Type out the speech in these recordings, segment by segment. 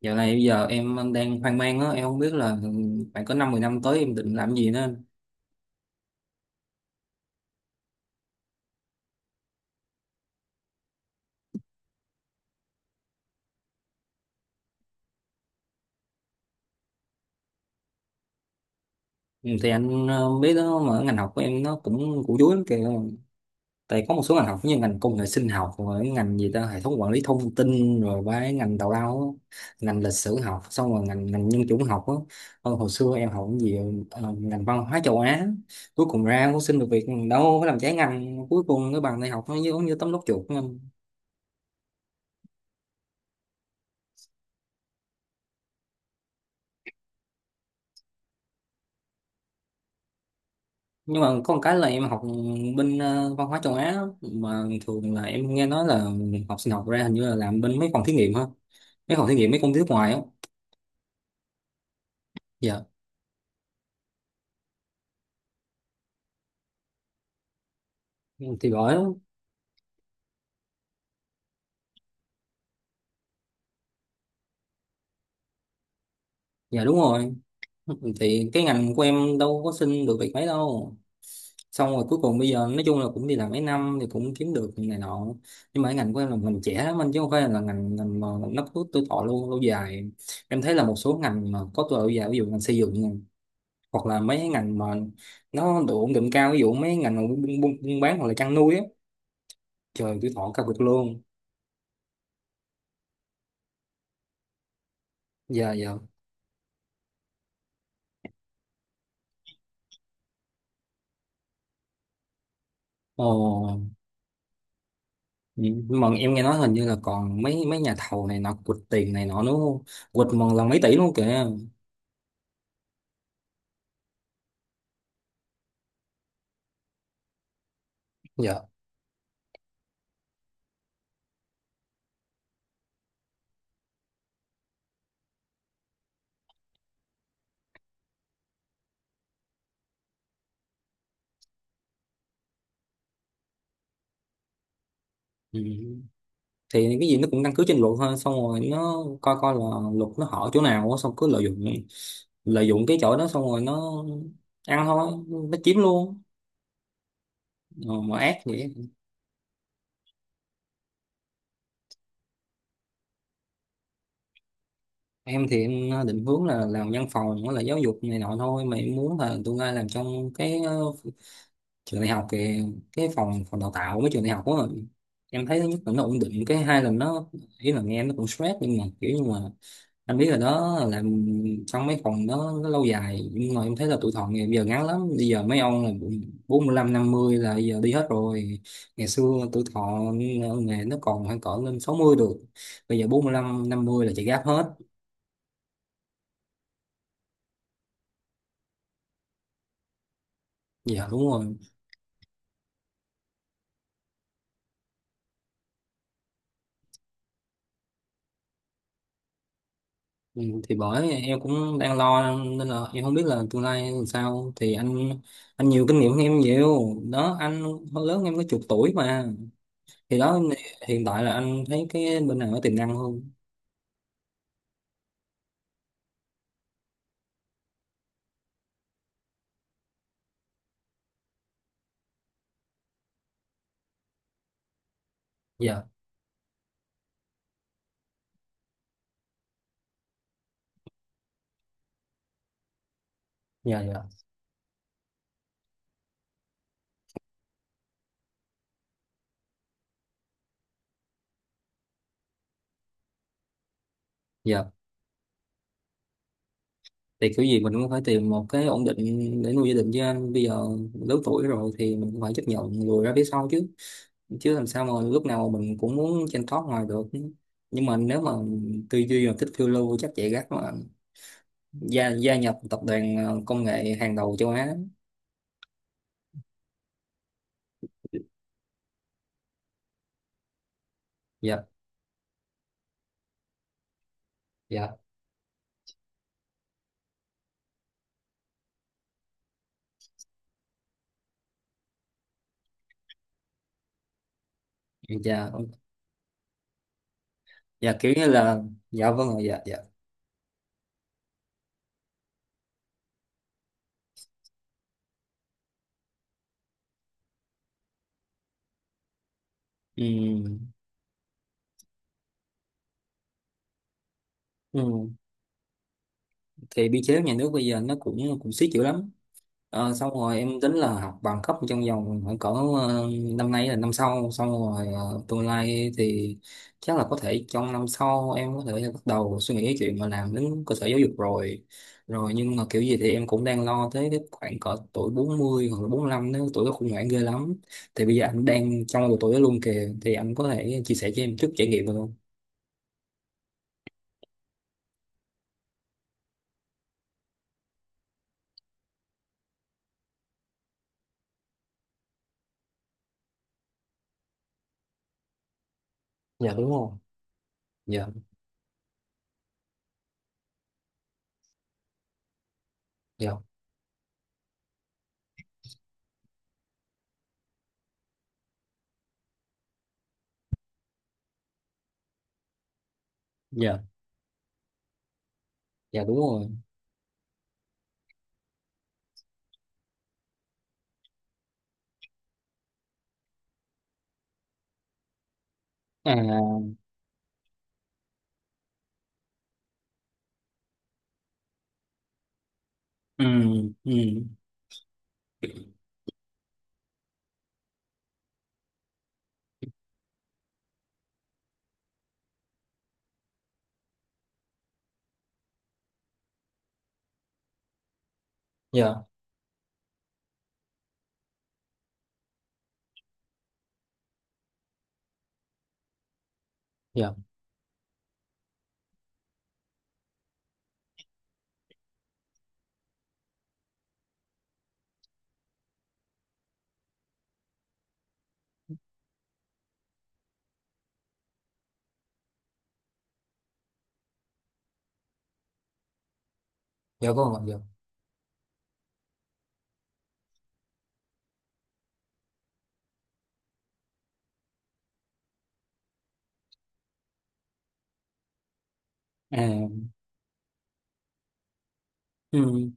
Dạo này bây giờ em đang hoang mang á, em không biết là phải có 5 10 năm tới em định làm gì nữa. Ừ, thì anh biết đó mà ngành học của em nó cũng củ chuối lắm kìa. Tại có một số ngành học như ngành công nghệ sinh học, rồi cái ngành gì ta, hệ thống quản lý thông tin, rồi cái ngành tào lao, á, ngành lịch sử học, xong rồi ngành ngành nhân chủng học á. Ờ, hồi xưa em học cái gì, ngành văn hóa châu Á, cuối cùng ra cũng xin được việc, đâu có làm trái ngành, cuối cùng cái bằng đại học nó giống như tấm lót chuột. Nhưng mà có một cái là em học bên văn hóa châu Á á, mà thường là em nghe nói là học sinh học ra hình như là làm bên mấy phòng thí nghiệm, ha, mấy phòng thí nghiệm mấy công ty nước ngoài á. Dạ, thì giỏi lắm. Dạ, đúng rồi, thì cái ngành của em đâu có xin được việc mấy đâu, xong rồi cuối cùng bây giờ nói chung là cũng đi làm mấy năm thì cũng kiếm được này nọ, nhưng mà cái ngành của em là ngành trẻ lắm anh, chứ không phải là ngành ngành mà nó có tuổi thọ lâu lâu dài em thấy là một số ngành mà có tuổi thọ lâu dài, ví dụ ngành xây dựng nè, hoặc là mấy cái ngành mà nó độ ổn định cao, ví dụ mấy ngành mà buôn bán hoặc là chăn nuôi á, trời tuổi thọ cao cực luôn. Dạ dạ. Ồ, nhưng mà em nghe nói hình như là còn mấy mấy nhà thầu này nọ quỵt tiền này nọ nữa không, quỵt một lần mấy tỷ luôn kìa. Dạ. Ừ, thì cái gì nó cũng căn cứ trên luật thôi, xong rồi nó coi coi là luật nó hở chỗ nào á, xong cứ lợi dụng cái chỗ đó, xong rồi nó ăn thôi, nó chiếm luôn. Ờ, mà ác vậy. Em thì em định hướng là làm văn phòng với lại giáo dục này nọ thôi, mà em muốn là tương lai làm trong cái trường đại học kìa, cái phòng phòng đào tạo mấy trường đại học á. Em thấy thứ nhất là nó ổn định, cái hai là nó, ý là nghe nó cũng stress nhưng mà kiểu như mà anh biết là đó, làm trong mấy phòng đó nó lâu dài. Nhưng mà em thấy là tuổi thọ ngày bây giờ ngắn lắm, bây giờ mấy ông là 45 50 là bây giờ đi hết rồi. Ngày xưa tuổi thọ nghề nó còn khoảng cỡ lên 60 được, bây giờ 45 50 là chạy gáp hết. Dạ, đúng rồi. Ừ, thì bởi em cũng đang lo nên là em không biết là tương lai làm sao, thì anh nhiều kinh nghiệm hơn em nhiều đó anh, hơn lớn em có chục tuổi mà, thì đó, hiện tại là anh thấy cái bên nào có tiềm năng hơn. Dạ dạ dạ dạ. Thì kiểu gì mình cũng phải tìm một cái ổn định để nuôi gia đình chứ anh, bây giờ lớn tuổi rồi thì mình cũng phải chấp nhận lùi ra phía sau chứ chứ làm sao mà lúc nào mình cũng muốn trên top ngoài được. Nhưng mà nếu mà tư duy mà thích phiêu lưu chắc chạy gắt mà gia gia nhập tập đoàn công nghệ hàng đầu châu Á. Dạ dạ dạ dạ, kiểu như là, dạ vâng rồi, dạ dạ. Ừm, ừm. Thì biên chế nhà nước bây giờ nó cũng cũng siết dữ lắm. Ờ, xong rồi em tính là học bằng cấp trong vòng khoảng cỡ năm nay là năm sau, xong rồi tương lai thì chắc là có thể trong năm sau em có thể là bắt đầu suy nghĩ cái chuyện mà làm đến cơ sở giáo dục rồi rồi, nhưng mà kiểu gì thì em cũng đang lo tới cái khoảng cỡ tuổi 40 hoặc là 45, nếu tuổi đó khủng hoảng ghê lắm. Thì bây giờ anh đang trong độ tuổi đó luôn kìa, thì anh có thể chia sẻ cho em chút trải nghiệm được không? Dạ đúng rồi. Dạ dạ dạ dạ đúng rồi. À. Ừ. Ừ. Dạ dạ dạ có. À. Ừ,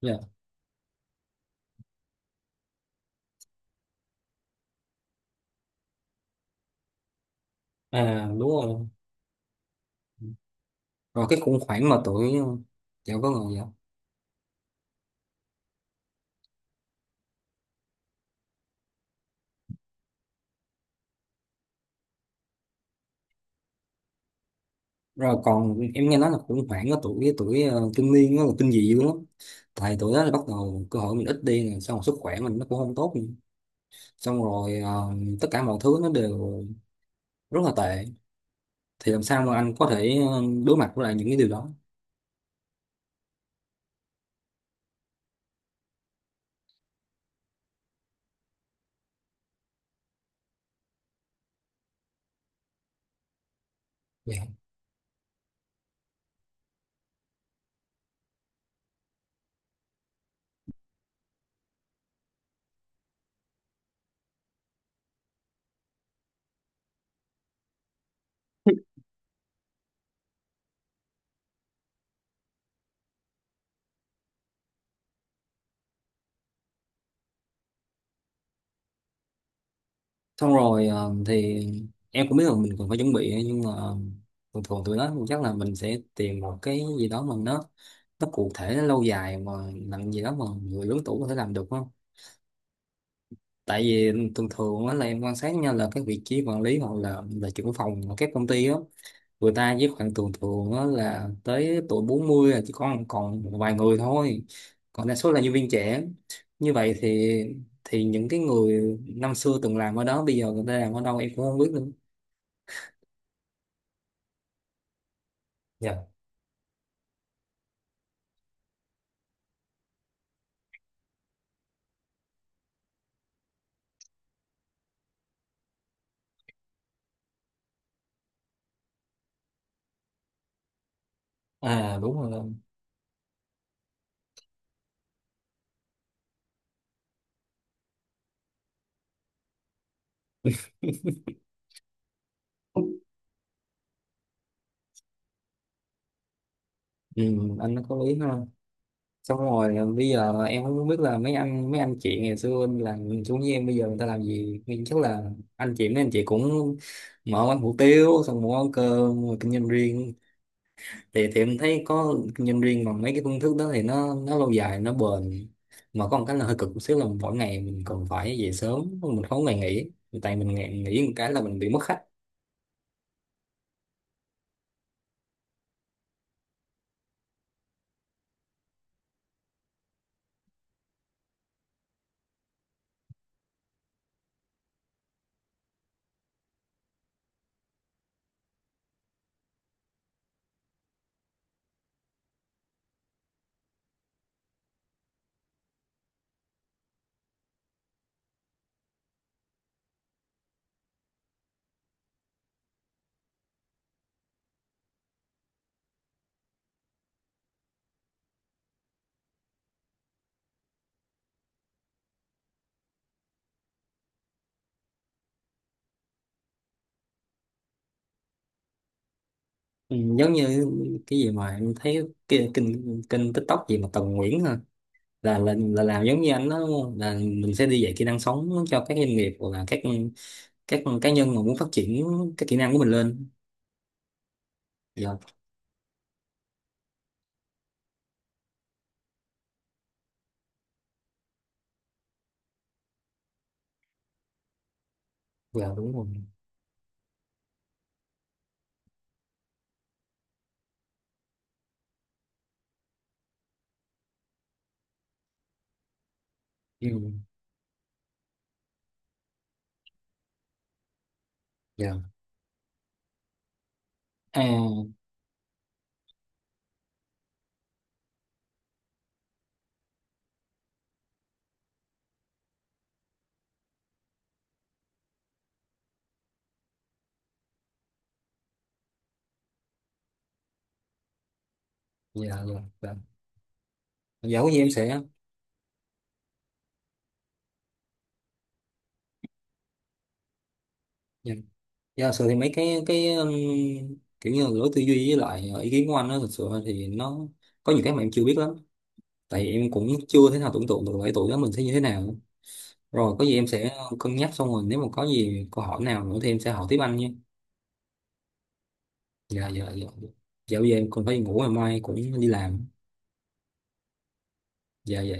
dạ. À đúng rồi. Rồi cái khủng hoảng mà tuổi. Dạ có người, dạ. Rồi còn em nghe nói là khủng hoảng ở tuổi tuổi kinh niên nó là kinh dị dữ lắm, tại tuổi đó là bắt đầu cơ hội mình ít đi nè, xong rồi sức khỏe mình nó cũng không tốt nữa. Xong rồi tất cả mọi thứ nó đều rất là tệ, thì làm sao mà anh có thể đối mặt với lại những cái điều đó. Dạ. Xong rồi thì em cũng biết là mình cần phải chuẩn bị ấy, nhưng mà thường thường tụi nó chắc là mình sẽ tìm một cái gì đó mà nó cụ thể, nó lâu dài, mà làm gì đó mà người lớn tuổi có thể làm được không. Tại vì thường thường á là em quan sát nha, là cái vị trí quản lý hoặc là trưởng phòng ở các công ty á, người ta với khoảng thường thường á là tới tuổi 40 là chỉ còn còn một vài người thôi, còn đa số là nhân viên trẻ. Như vậy thì, những cái người năm xưa từng làm ở đó bây giờ người ta làm ở đâu em cũng không biết nữa. Dạ. À đúng rồi. Ừ, anh nó có lý ha. Xong rồi à, bây giờ em cũng không biết là mấy anh chị ngày xưa anh làm xuống với em bây giờ người ta làm gì, nhưng chắc là anh chị mấy anh chị cũng mở quán hủ tiếu, xong mở quán cơm, rồi kinh doanh riêng. Thì em thấy có kinh doanh riêng bằng mấy cái phương thức đó thì nó lâu dài, nó bền, mà có một cái là hơi cực một xíu là mỗi ngày mình cần phải về sớm, mình không có ngày nghỉ, tại mình ngày nghỉ một cái là mình bị mất khách. Ừ, giống như cái gì mà em thấy cái kênh kênh TikTok gì mà Tần Nguyễn ha, là làm giống như anh đó đúng không? Là mình sẽ đi dạy kỹ năng sống cho các doanh nghiệp hoặc là các cá nhân mà muốn phát triển cái kỹ năng của mình lên. Dạ dạ đúng rồi. Ừ. Dạ. À. Dạ dạ dạ dạ có gì em sẽ. Dạ dạ sự thì mấy cái kiểu như là lối tư duy với lại ý kiến của anh đó, thực sự thì nó có nhiều cái mà em chưa biết lắm, tại vì em cũng chưa thể nào tưởng tượng được ở tuổi đó mình sẽ như thế nào. Rồi có gì em sẽ cân nhắc, xong rồi nếu mà có gì câu hỏi nào nữa thì em sẽ hỏi tiếp anh nhé. Dạ dạ dạ. Dạo giờ em còn phải đi ngủ, ngày mai cũng đi làm. Dạ dạ.